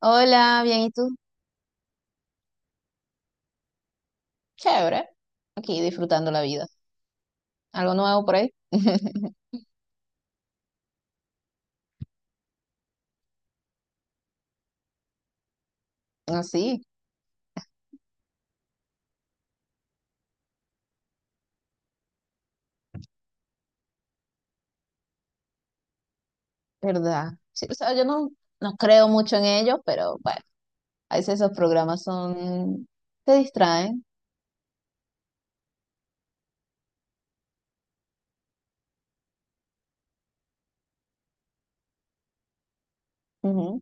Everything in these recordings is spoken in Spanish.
Hola, bien, ¿y tú? Chévere. Aquí disfrutando la vida. ¿Algo nuevo por ahí? Así, ¿verdad? Sí, o sea, yo no creo mucho en ellos, pero bueno, a veces esos programas son te distraen. Ujú.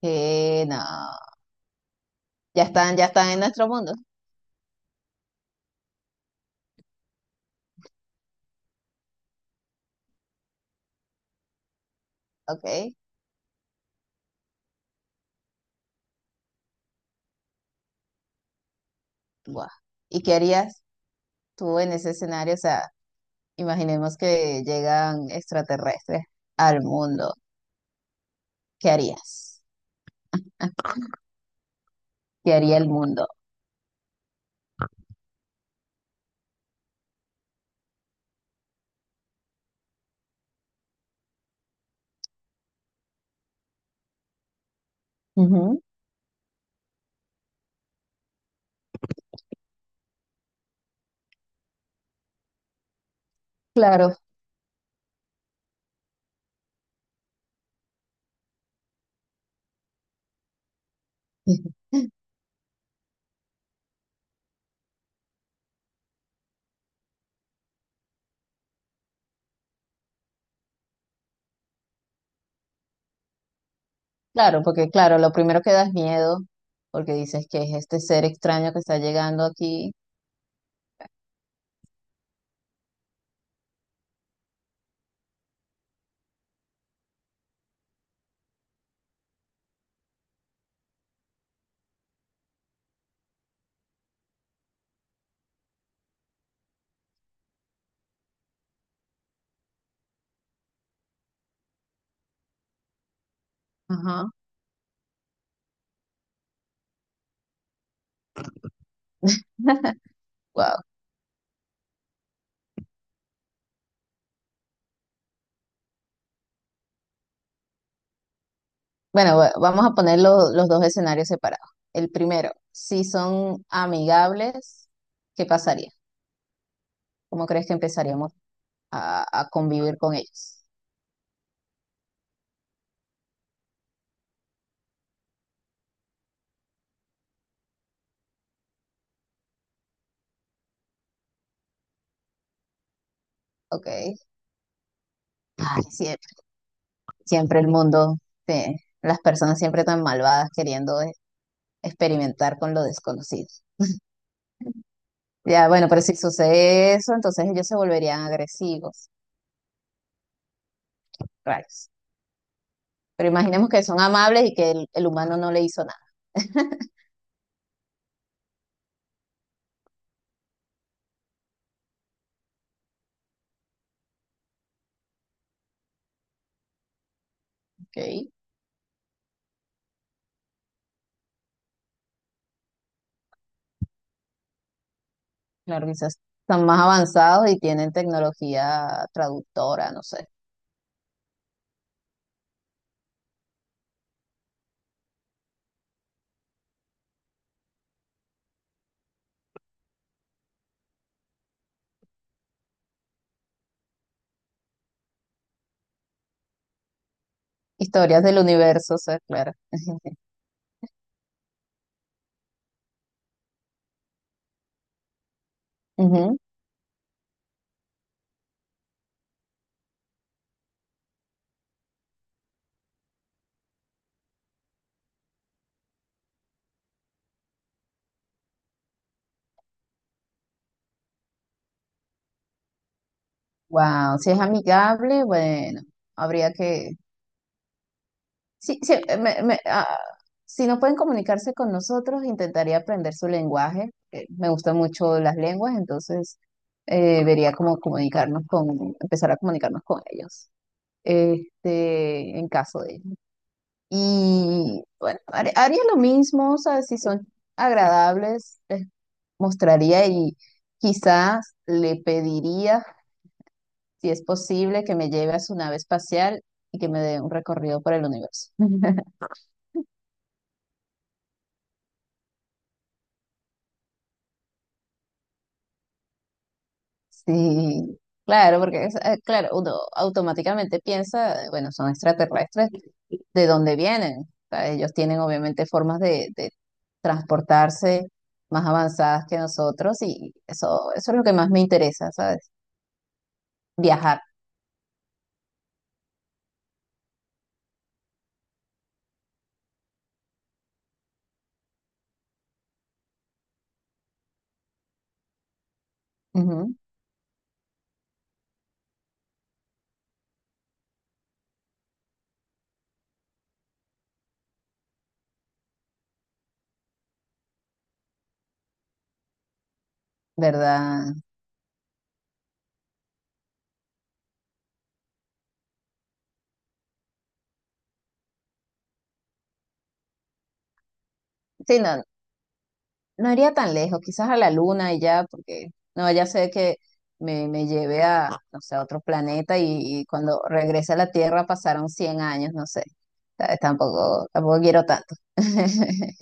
Que no, ya están en nuestro mundo. Ok, guau. ¿Y qué harías tú en ese escenario? O sea, imaginemos que llegan extraterrestres al mundo. ¿Qué harías? ¿Qué haría el mundo? Ujú. Claro. Claro, porque claro, lo primero que da es miedo, porque dices que es este ser extraño que está llegando aquí. Ajá. Wow. Bueno, vamos a poner los dos escenarios separados. El primero, si son amigables, ¿qué pasaría? ¿Cómo crees que empezaríamos a convivir con ellos? Ok. Ay, siempre, siempre el mundo, sí, las personas siempre tan malvadas queriendo experimentar con lo desconocido. Ya, bueno, pero si sucede eso, entonces ellos se volverían agresivos, raros. Pero imaginemos que son amables y que el humano no le hizo nada, ¿ok? Claro, quizás están más avanzados y tienen tecnología traductora, no sé. Historias del universo, o sea, claro. Ujú. Wow, si es amigable, bueno, habría que Sí, sí, me- me- ah, si no pueden comunicarse con nosotros, intentaría aprender su lenguaje. Me gustan mucho las lenguas, entonces vería cómo comunicarnos con, empezar a comunicarnos con ellos, este, en caso de Y bueno, haría lo mismo, o sea, si son agradables, les mostraría y quizás le pediría, si es posible, que me lleve a su nave espacial y que me dé un recorrido por el universo. Sí, claro, porque claro, uno automáticamente piensa, bueno, son extraterrestres, ¿de dónde vienen? O sea, ellos tienen obviamente formas de transportarse más avanzadas que nosotros y eso es lo que más me interesa, ¿sabes? Viajar, ujú, ¿verdad? Sí, no, no iría tan lejos, quizás a la luna y ya, porque no, ya sé que me lleve a, no sé, a otro planeta y cuando regrese a la Tierra pasaron 100 años, no sé. ¿Sabes? Tampoco, tampoco quiero tanto.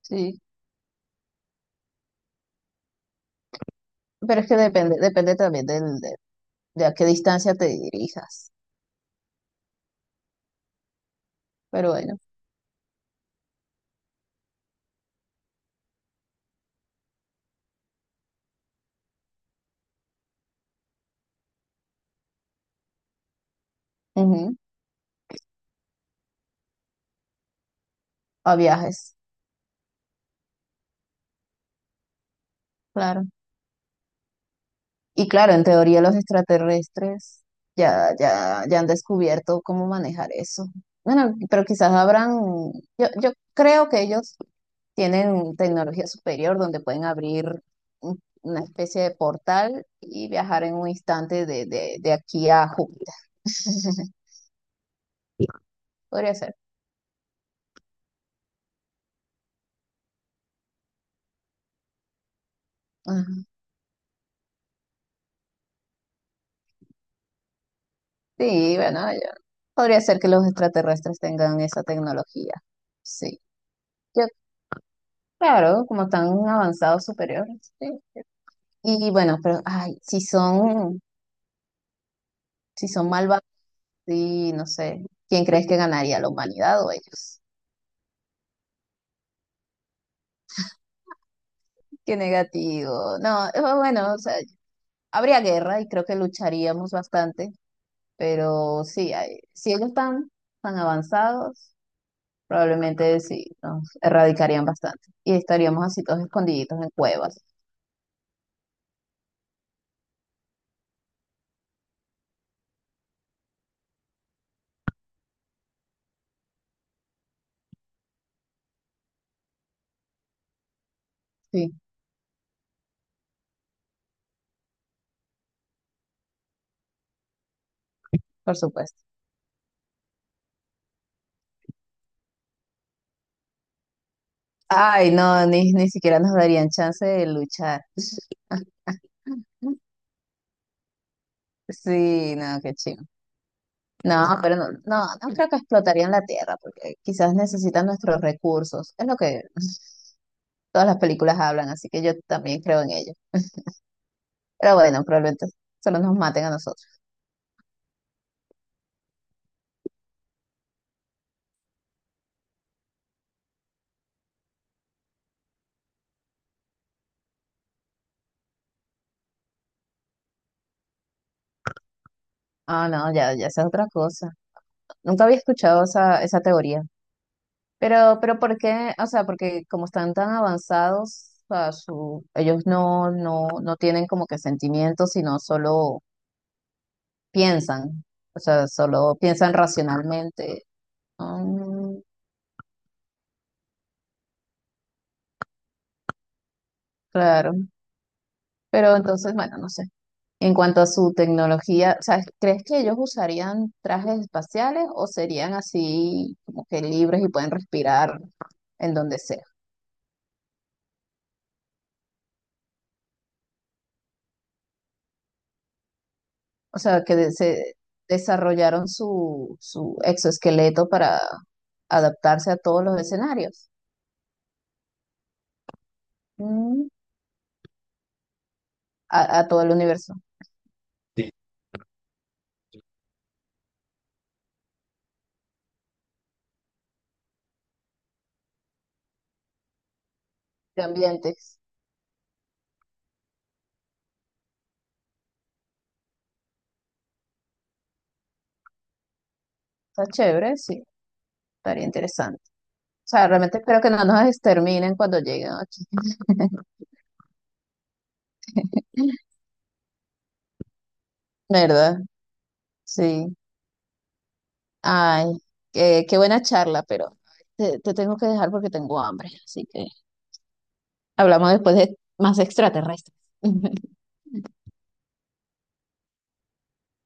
Sí, pero es que depende, depende también de a qué distancia te dirijas. Pero bueno, ujú, a viajes, claro. Y claro, en teoría los extraterrestres ya han descubierto cómo manejar eso. Bueno, pero quizás habrán, yo creo que ellos tienen tecnología superior donde pueden abrir una especie de portal y viajar en un instante de aquí a Júpiter. Podría ser. Ajá. Sí, bueno, podría ser que los extraterrestres tengan esa tecnología. Sí. Yo, claro, como están avanzados superiores. Sí. Y bueno, pero ay, si son, si son malvados, sí, no sé, ¿quién crees que ganaría, la humanidad o ellos? Qué negativo. No, bueno, o sea, habría guerra y creo que lucharíamos bastante, pero sí, si ellos están tan avanzados, probablemente sí, nos erradicarían bastante y estaríamos así todos escondiditos en cuevas. Sí, por supuesto. Ay, no, ni siquiera nos darían chance de luchar. Sí, no, qué chido. No, pero no, no, no creo que explotarían la Tierra, porque quizás necesitan nuestros recursos. Es lo que todas las películas hablan, así que yo también creo en ello. Pero bueno, probablemente solo nos maten a nosotros. Ah, no, ya, ya esa es otra cosa. Nunca había escuchado esa, esa teoría. Pero ¿por qué? O sea, porque como están tan avanzados, o sea, su, ellos no tienen como que sentimientos, sino solo piensan, o sea, solo piensan racionalmente. Mm, claro, pero entonces, bueno, no sé. En cuanto a su tecnología, o sea, ¿crees que ellos usarían trajes espaciales o serían así como que libres y pueden respirar en donde sea? O sea, que se desarrollaron su, su exoesqueleto para adaptarse a todos los escenarios, mm, a todo el universo. Sí. De ambientes. Está chévere, sí, estaría interesante. O sea, realmente espero que no nos exterminen cuando lleguen aquí, ¿verdad? Sí. Ay, qué, qué buena charla, pero te tengo que dejar porque tengo hambre. Así que hablamos después de más extraterrestres.